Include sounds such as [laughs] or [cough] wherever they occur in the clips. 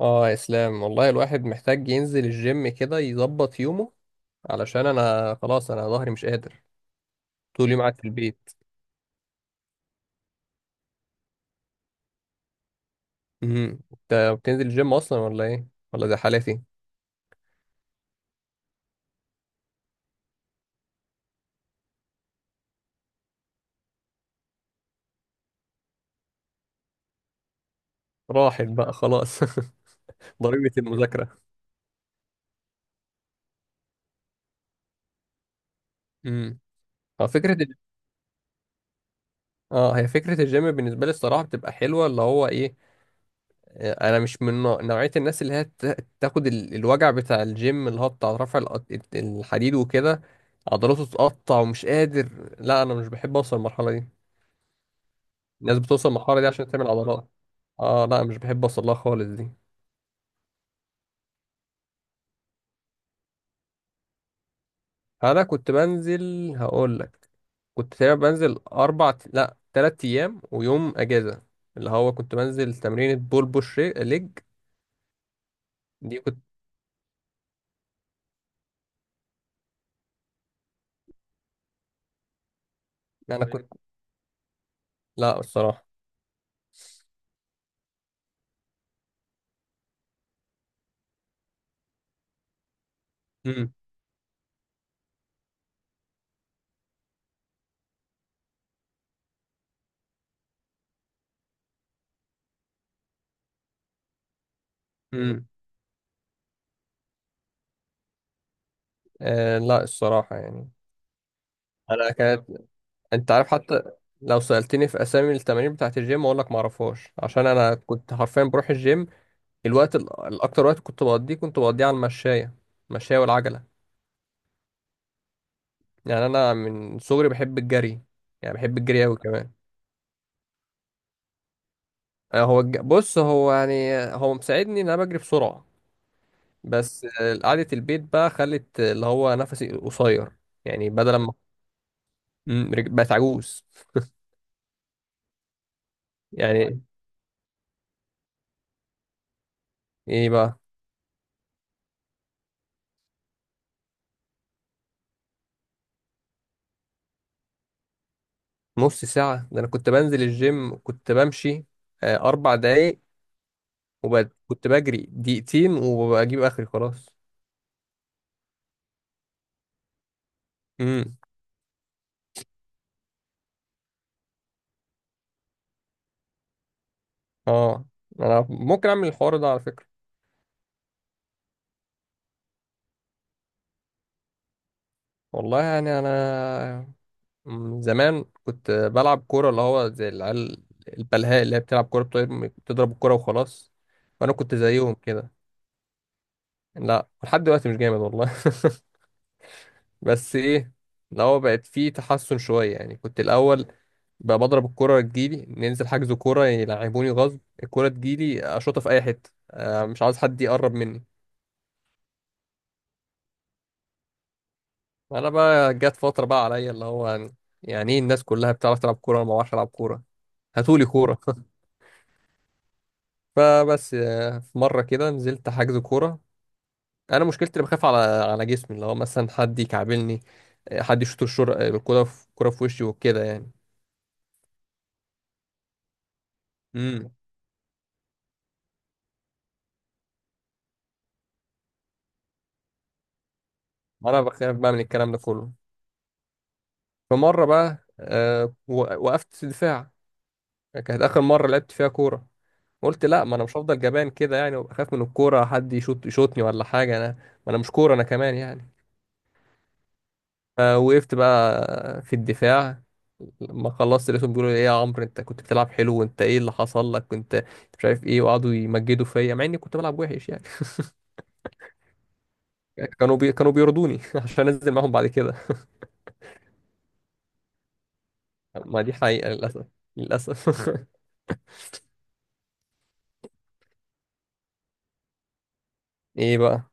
اه، يا اسلام، والله الواحد محتاج ينزل الجيم كده يظبط يومه. علشان انا خلاص، انا ظهري مش قادر. طول يوم قاعد في البيت. انت بتنزل الجيم اصلا ولا ايه؟ ولا زي حالتي؟ راحت بقى خلاص. [laughs] ضريبة المذاكرة. امم. اه فكرة ال- اه، هي فكرة الجيم بالنسبة لي الصراحة بتبقى حلوة، اللي هو ايه. آه، انا مش من نوعية الناس اللي هي تاخد الوجع بتاع الجيم، اللي هو بتاع رفع الحديد وكده. عضلاته تتقطع ومش قادر. لا، انا مش بحب اوصل للمرحلة دي. الناس بتوصل للمرحلة دي عشان تعمل عضلات. اه، لا، مش بحب اوصل لها خالص دي. انا كنت بنزل، هقول لك. كنت تقريبا بنزل اربع، لا تلات ايام، ويوم اجازة. اللي هو كنت بنزل تمرينة بول بوش ليج. دي كنت. انا كنت. لا، الصراحة. امم. امم. آه، لا، الصراحة يعني. انا كانت. انت عارف حتى، لو سألتني في اسامي التمارين بتاعت الجيم، اقول لك ما اعرفهاش، عشان انا كنت حرفيا بروح الجيم. الوقت الاكتر وقت كنت بقضيه على المشاية. المشاية والعجلة. يعني انا من صغري بحب الجري. يعني بحب الجري قوي كمان. آه، هو بص، هو يعني هو مساعدني ان انا بجري بسرعه. بس آه، قعده البيت بقى خلت اللي هو نفسي قصير. يعني بدل ما. بقت عجوز. يعني ايه بقى؟ نص ساعه ده؟ انا كنت بنزل الجيم، كنت بمشي آه، 4 دقايق. وكنت بجري دقيقتين وبجيب اخري خلاص. امم. اه، انا ممكن اعمل الحوار ده على فكره. والله يعني انا. زمان كنت بلعب كورة، اللي هو زي العيال البلهاء اللي هي بتلعب كورة، بتضرب الكورة وخلاص. وأنا كنت زيهم كده. لا، لحد دلوقتي مش جامد والله. [laughs] بس إيه؟ اللي هو بقت فيه تحسن شوية، يعني كنت الأول بقى بضرب الكورة، تجيلي ننزل حجز كورة، يلعبوني غصب، الكورة تجيلي أشوطها في أي حتة. آه، مش عاوز حد يقرب مني. أنا بقى جت فترة بقى عليا اللي هو، يعني إيه، الناس كلها بتعرف تلعب كورة وأنا ما بعرفش ألعب كورة. هاتولي كورة. فبس آه، في مرة كده نزلت حجز كورة. أنا مشكلتي اللي بخاف على جسمي، اللي هو مثلا حد يكعبلني. آه، حد يشوط الشر، آه، الكورة في وشي وكده يعني. امم. أنا بخاف بقى من الكلام ده كله. فمرة بقى آه، وقفت دفاع. كانت آخر مرة لعبت فيها كورة. قلت لا، ما أنا مش هفضل جبان كده يعني وأخاف من الكورة، حد يشوطني ولا حاجة، أنا ما أنا مش كورة أنا كمان يعني. فوقفت بقى في الدفاع. لما خلصت لقيتهم بيقولوا لي، ايه يا عمرو، انت كنت بتلعب حلو، وانت ايه اللي حصل لك، كنت مش عارف ايه. وقعدوا يمجدوا فيا مع اني كنت بلعب وحش يعني. كانوا بيرضوني [laughs] عشان انزل معاهم بعد كده. ما دي حقيقة للاسف. للاسف. [laughs] ايه بقى؟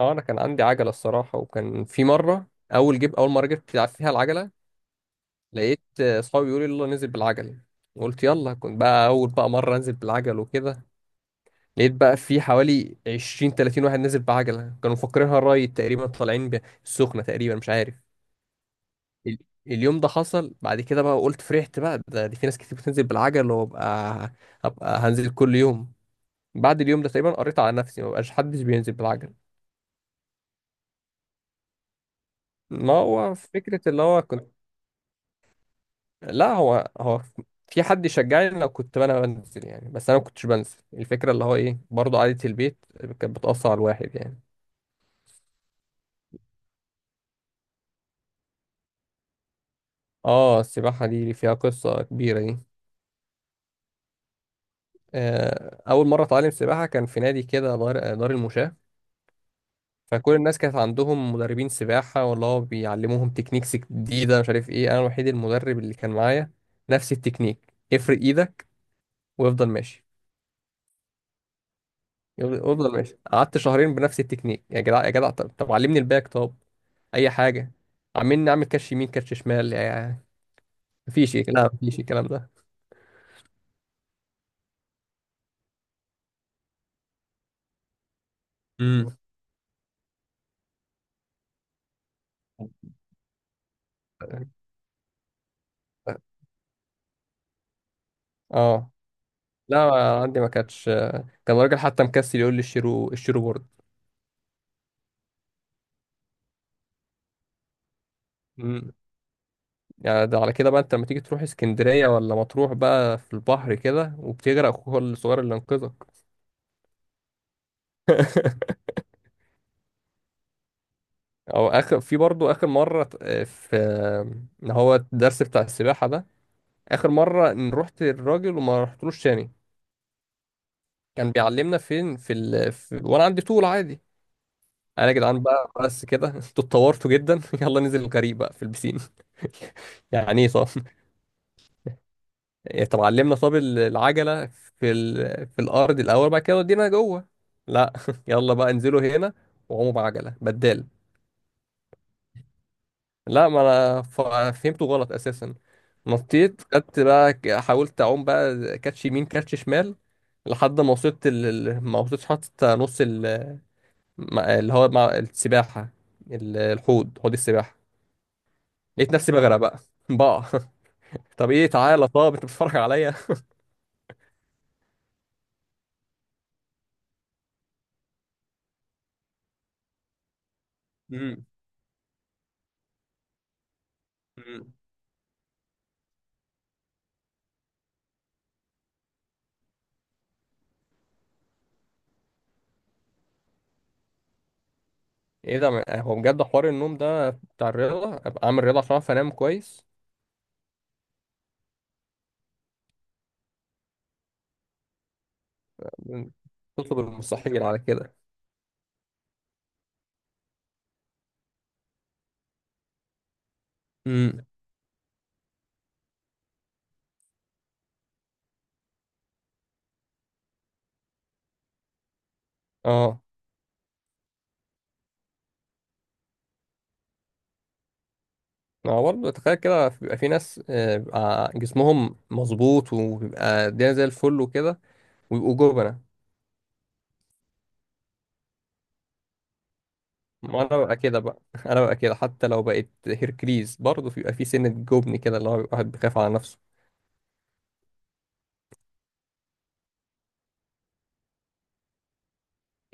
اه، انا كان عندي عجلة الصراحة، وكان في مرة، اول مرة جبت لعب فيها العجلة، لقيت آه، اصحابي بيقولوا لي يلا ننزل بالعجلة. قلت يلا. كنت بقى اول بقى مرة انزل بالعجل وكده، لقيت بقى في حوالي 20 30 واحد نازل بعجله، كانوا مفكرينها الرايد تقريبا، طالعين السخنه تقريبا، مش عارف. ال- اليوم ده حصل بعد كده بقى. قلت فرحت بقى، ده دي في ناس كتير بتنزل بالعجل، وابقى هبقى هنزل كل يوم. بعد اليوم ده تقريبا قريت على نفسي، ما بقاش حدش بينزل بالعجل. ما هو فكره اللي هو كنت. لا، هو في حد يشجعني لو كنت انا بنزل يعني، بس انا ما كنتش بنزل، الفكره اللي هو ايه برضه قعده البيت كانت بتاثر على الواحد يعني. اه، السباحه دي فيها قصه كبيره دي. آه، أول مرة أتعلم سباحة كان في نادي كده، دار المشاة. فكل الناس كانت عندهم مدربين سباحة والله، هو بيعلموهم تكنيكس جديدة مش عارف إيه، أنا الوحيد المدرب اللي كان معايا نفس التكنيك، افرد إيدك وافضل ماشي. افضل ماشي. قعدت شهرين بنفس التكنيك. يا جدع، يا جدع، طب، علمني الباك، طب أي حاجة. عمالين نعمل كاتش يمين كاتش شمال يعني. مفيش إيه، لا، مفيش الكلام ده. امم. اه، لا، عندي ما كانتش. كان راجل حتى مكسل، يقول لي اشتروا بورد. مم. يعني ده على كده بقى انت لما تيجي تروح اسكندرية ولا مطروح بقى، في البحر كده وبتغرق [laughs] اخوك الصغير اللي انقذك. [laughs] او اخر في برضو، اخر مرة في، اللي هو الدرس بتاع السباحة ده، اخر مرة ان رحت الراجل وما رحتلوش تاني. كان بيعلمنا فين في، وانا عندي طول عادي. انا يا جدعان بقى، بس كده. [laughs] انتوا اتطورتوا جدا. [laughs] يلا ننزل الغريق بقى في البسين. [laughs] يعني ايه صح؟ إيه، طب علمنا طب العجلة في ال... في الأرض الأول، بعد كده ودينا جوه. لا. [laughs] يلا بقى، انزلوا هنا وقوموا بعجلة بدال. لا، ما أنا فهمته غلط أساسا. نطيت خدت بقى، حاولت أعوم بقى كاتش يمين كاتش شمال، لحد ما وصلت ما وصلتش حتى نص ال... اللي هو مع السباحة، ال- الحوض حوض السباحة. لقيت نفسي بغرق بقى. [laughs] بقى طب ايه، تعالى، طب انت بتتفرج عليا؟ مم. ايه ده هو بجد حوار النوم ده بتاع الرياضة؟ ابقى اعمل رياضة عشان اعرف انام كويس. تطلب المستحيل على كده. امم. اه. ما هو برضه تخيل كده، بيبقى في ناس آه، بيبقى جسمهم مظبوط وبيبقى الدنيا زي الفل وكده، ويبقوا جبنة. ما انا ببقى كده بقى. [laughs] انا ببقى كده، حتى لو بقيت هيركليز برضه بيبقى في سنة جبن كده، اللي هو بيبقى واحد بيخاف على نفسه.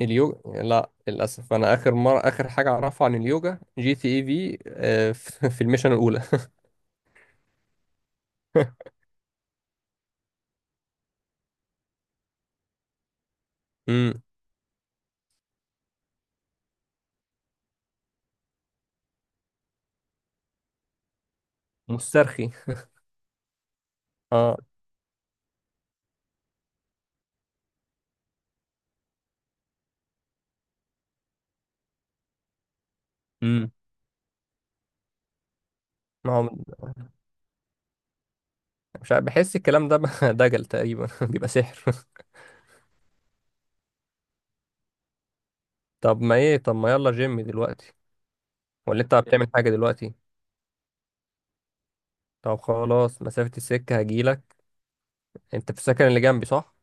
اليوجا لا، للاسف، انا اخر مرة اخر حاجة اعرفها عن اليوجا GTA V، آه. [laughs] في الميشن الاولى. [laughs] مم. مسترخي. اه. امم. ما هو مش عارف، بحس الكلام ده [laughs] دجل تقريبا. [laughs] بيبقى سحر. طب ما ايه، طب ما يلا جيم دلوقتي؟ ولا انت بتعمل حاجة دلوقتي؟ طب خلاص، مسافة السكة، هجيلك. انت في السكن اللي جنبي صح؟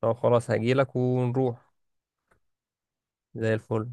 طب خلاص، هجيلك ونروح. زي الفل.